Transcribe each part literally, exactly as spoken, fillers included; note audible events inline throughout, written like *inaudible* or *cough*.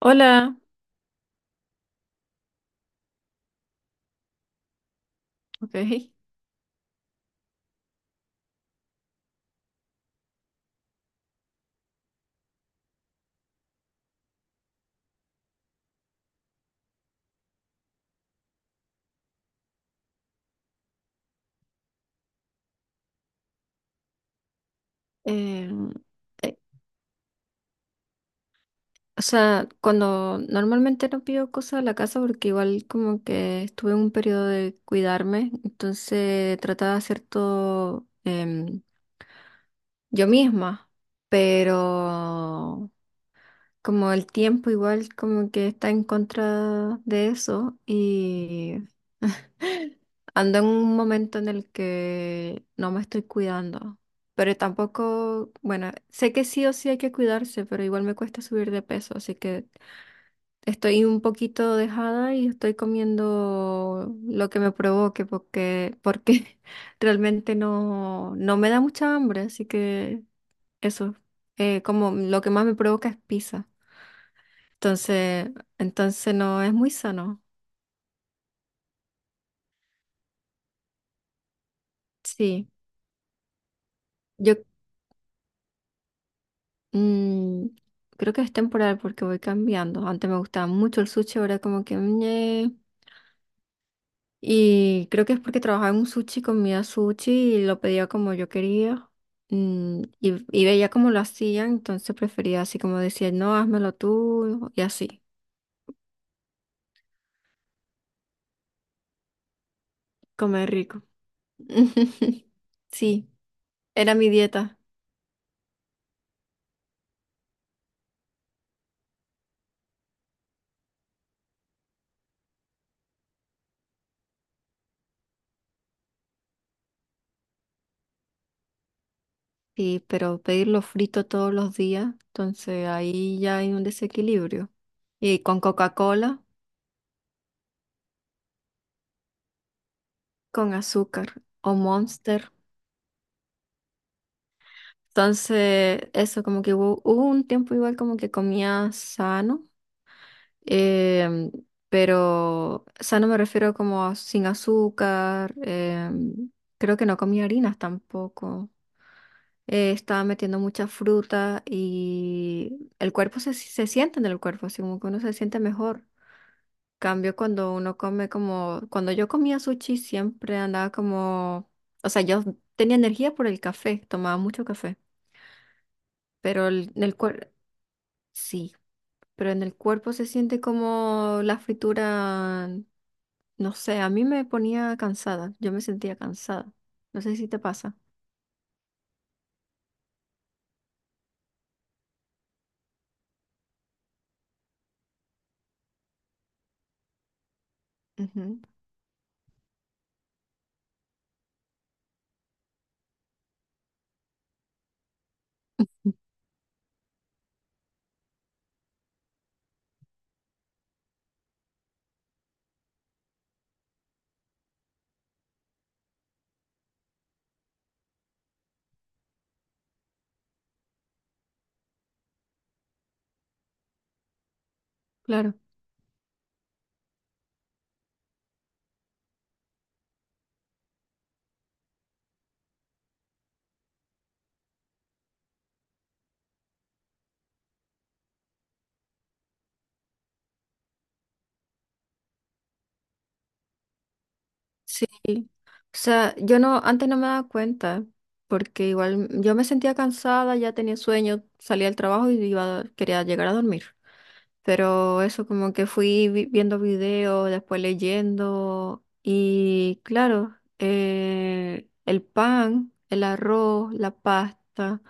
Hola, ok. Em, eh, o sea, cuando normalmente no pido cosas a la casa porque igual como que estuve en un periodo de cuidarme, entonces trataba de hacer todo em, yo misma, pero como el tiempo igual como que está en contra de eso y *laughs* ando en un momento en el que no me estoy cuidando, pero tampoco, bueno, sé que sí o sí hay que cuidarse, pero igual me cuesta subir de peso, así que estoy un poquito dejada y estoy comiendo lo que me provoque porque porque *laughs* realmente no no me da mucha hambre, así que eso, eh, como lo que más me provoca es pizza. Entonces, entonces no es muy sano. Sí, yo mm, creo que es temporal porque voy cambiando. Antes me gustaba mucho el sushi, ahora como que ñe. Y creo que es porque trabajaba en un sushi, comía sushi y lo pedía como yo quería. Mm, y, y veía cómo lo hacían, entonces prefería así como decía, no, házmelo tú y así, comer rico. *laughs* Sí, era mi dieta. Sí, pero pedirlo frito todos los días, entonces ahí ya hay un desequilibrio. Y con Coca-Cola, con azúcar o Monster. Entonces, eso, como que hubo, hubo un tiempo igual como que comía sano, em, pero sano me refiero como a sin azúcar, em, creo que no comía harinas tampoco. eh, estaba metiendo mucha fruta y el cuerpo se, se siente en el cuerpo, así como que uno se siente mejor. Cambio cuando uno come como, cuando yo comía sushi siempre andaba como, o sea, yo tenía energía por el café, tomaba mucho café. Pero el- en el cuerpo, sí, pero en el cuerpo se siente como la fritura, no sé, a mí me ponía cansada, yo me sentía cansada. No sé si te pasa. Ujú. Claro. Sí, o sea, yo no, antes no me daba cuenta, porque igual yo me sentía cansada, ya tenía sueño, salía del trabajo y iba, quería llegar a dormir. Pero eso como que fui vi- viendo videos, después leyendo, y claro, eh, el pan, el arroz, la pasta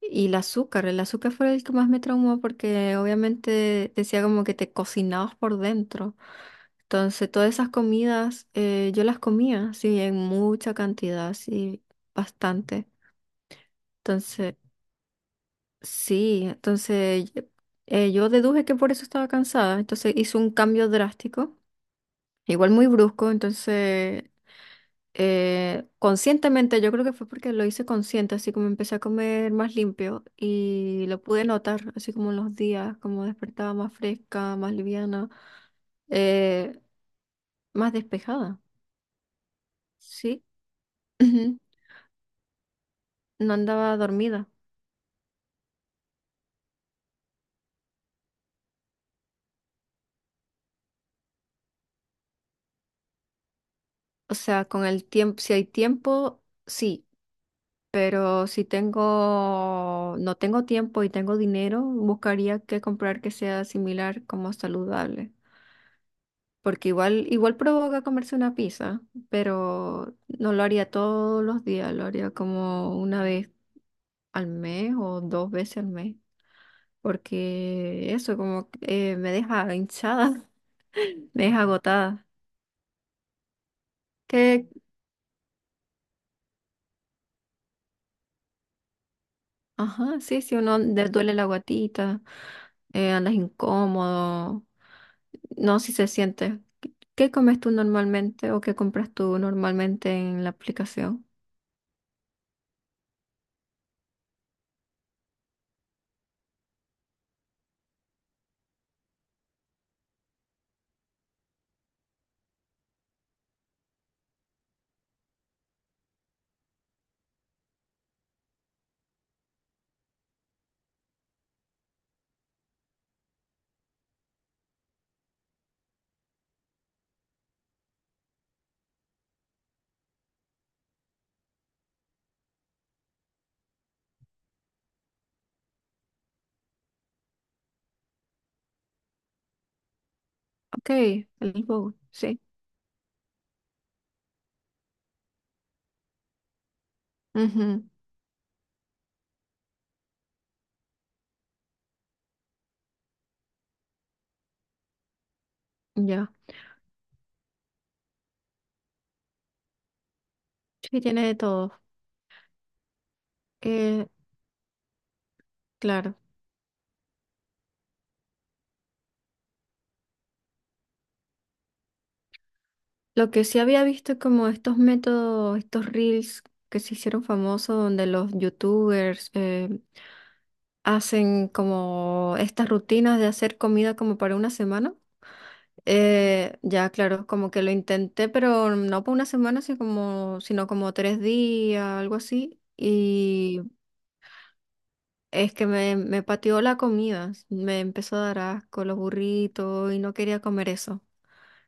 y el azúcar. El azúcar fue el que más me traumó porque obviamente decía como que te cocinabas por dentro. Entonces, todas esas comidas eh, yo las comía, sí, en mucha cantidad, sí, bastante. Entonces, sí, entonces eh, yo deduje que por eso estaba cansada. Entonces hice un cambio drástico, igual muy brusco. Entonces, eh, conscientemente, yo creo que fue porque lo hice consciente, así como empecé a comer más limpio y lo pude notar, así como en los días, como despertaba más fresca, más liviana, eh, más despejada, sí. *clears throat* No andaba dormida. O sea, con el tiempo, si hay tiempo, sí, pero si tengo, no tengo tiempo y tengo dinero, buscaría que comprar que sea similar como saludable. Porque igual, igual provoca comerse una pizza, pero no lo haría todos los días, lo haría como una vez al mes o dos veces al mes. Porque eso como que, eh, me deja hinchada, *laughs* me deja agotada. Ajá, sí, si uno le duele la guatita, eh, andas incómodo, no, si se siente. ¿Qué qué comes tú normalmente o qué compras tú normalmente en la aplicación? Ok, el bowl, sí. Ujú, ya. Sí, tiene de todo. Eh, claro. Lo que sí había visto como estos métodos, estos reels que se hicieron famosos donde los youtubers eh, hacen como estas rutinas de hacer comida como para una semana. Eh, ya, claro, como que lo intenté, pero no por una semana, sino como, sino como tres días, algo así. Y es que me, me pateó la comida, me empezó a dar asco los burritos y no quería comer eso.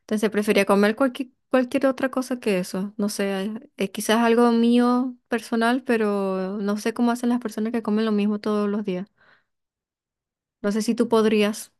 Entonces prefería comer cualquier, cualquier otra cosa que eso. No sé, eh, quizás algo mío personal, pero no sé cómo hacen las personas que comen lo mismo todos los días. No sé si tú podrías.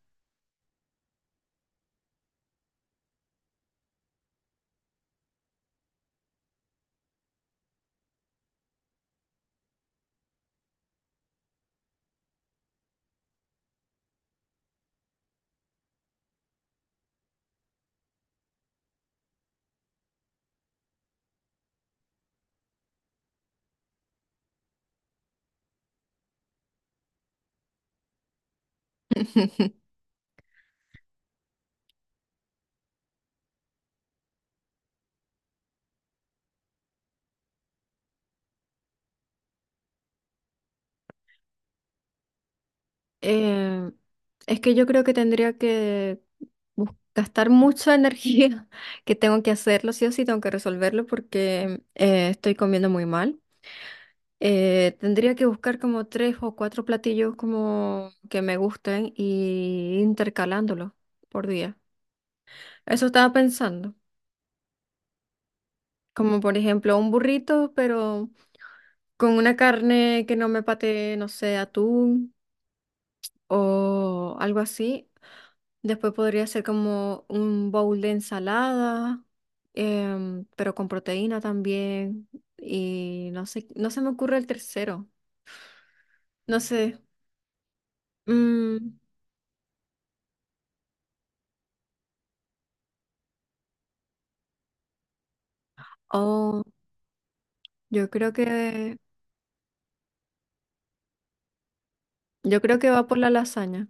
Eh, es que yo creo que tendría que bus- gastar mucha *laughs* energía, que tengo que hacerlo, sí o sí, tengo que resolverlo porque eh, estoy comiendo muy mal. Eh, tendría que buscar como tres o cuatro platillos como que me gusten y intercalándolos por día. Eso estaba pensando, como por ejemplo un burrito, pero con una carne que no me patee, no sé, atún o algo así. Después podría ser como un bowl de ensalada, em, pero con proteína también. Y no sé, no se me ocurre el tercero. No sé. Mm, oh, yo creo que, yo creo que va por la lasaña.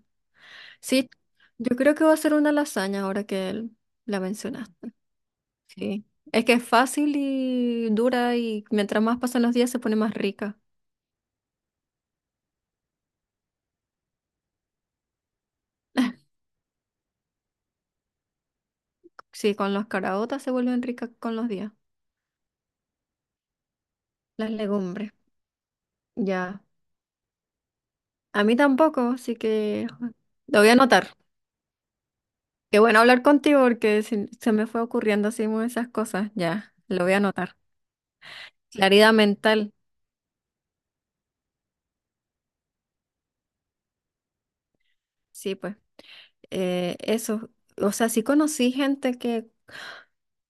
Sí, yo creo que va a ser una lasaña ahora que l- la mencionaste. Sí. Es que es fácil y dura y mientras más pasan los días se pone más rica. *laughs* Sí, con las caraotas se vuelven ricas con los días. Las legumbres. Ya. A mí tampoco, así que lo voy a anotar. Qué bueno hablar contigo porque se, se me fue ocurriendo así muy esas cosas. Ya, lo voy a anotar. Claridad mental, sí, pues. eh, eso. O sea, sí conocí gente que,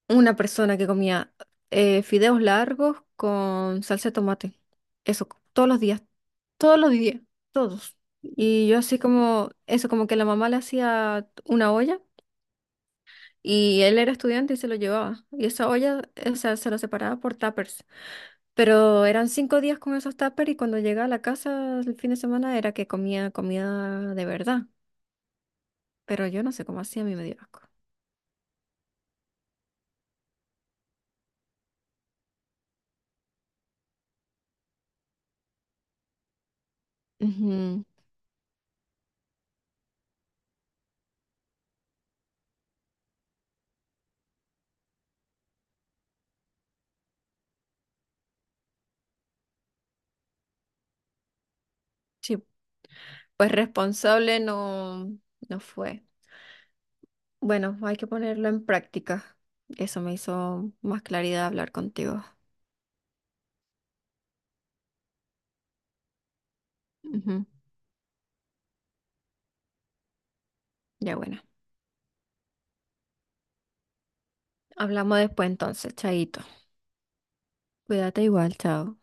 una persona que comía eh, fideos largos con salsa de tomate. Eso, todos los días, todos los días, todos. Y yo así como, eso, como que la mamá le hacía una olla y él era estudiante y se lo llevaba. Y esa olla, o sea, se lo separaba por tuppers. Pero eran cinco días con esos tuppers y cuando llegaba a la casa el fin de semana era que comía comida de verdad. Pero yo no sé cómo hacía, a mí me dio asco. Ujú. Sí, pues responsable no, no fue. Bueno, hay que ponerlo en práctica. Eso me hizo más claridad hablar contigo. Ujú. Ya bueno, hablamos después entonces, chaito. Cuídate igual, chao.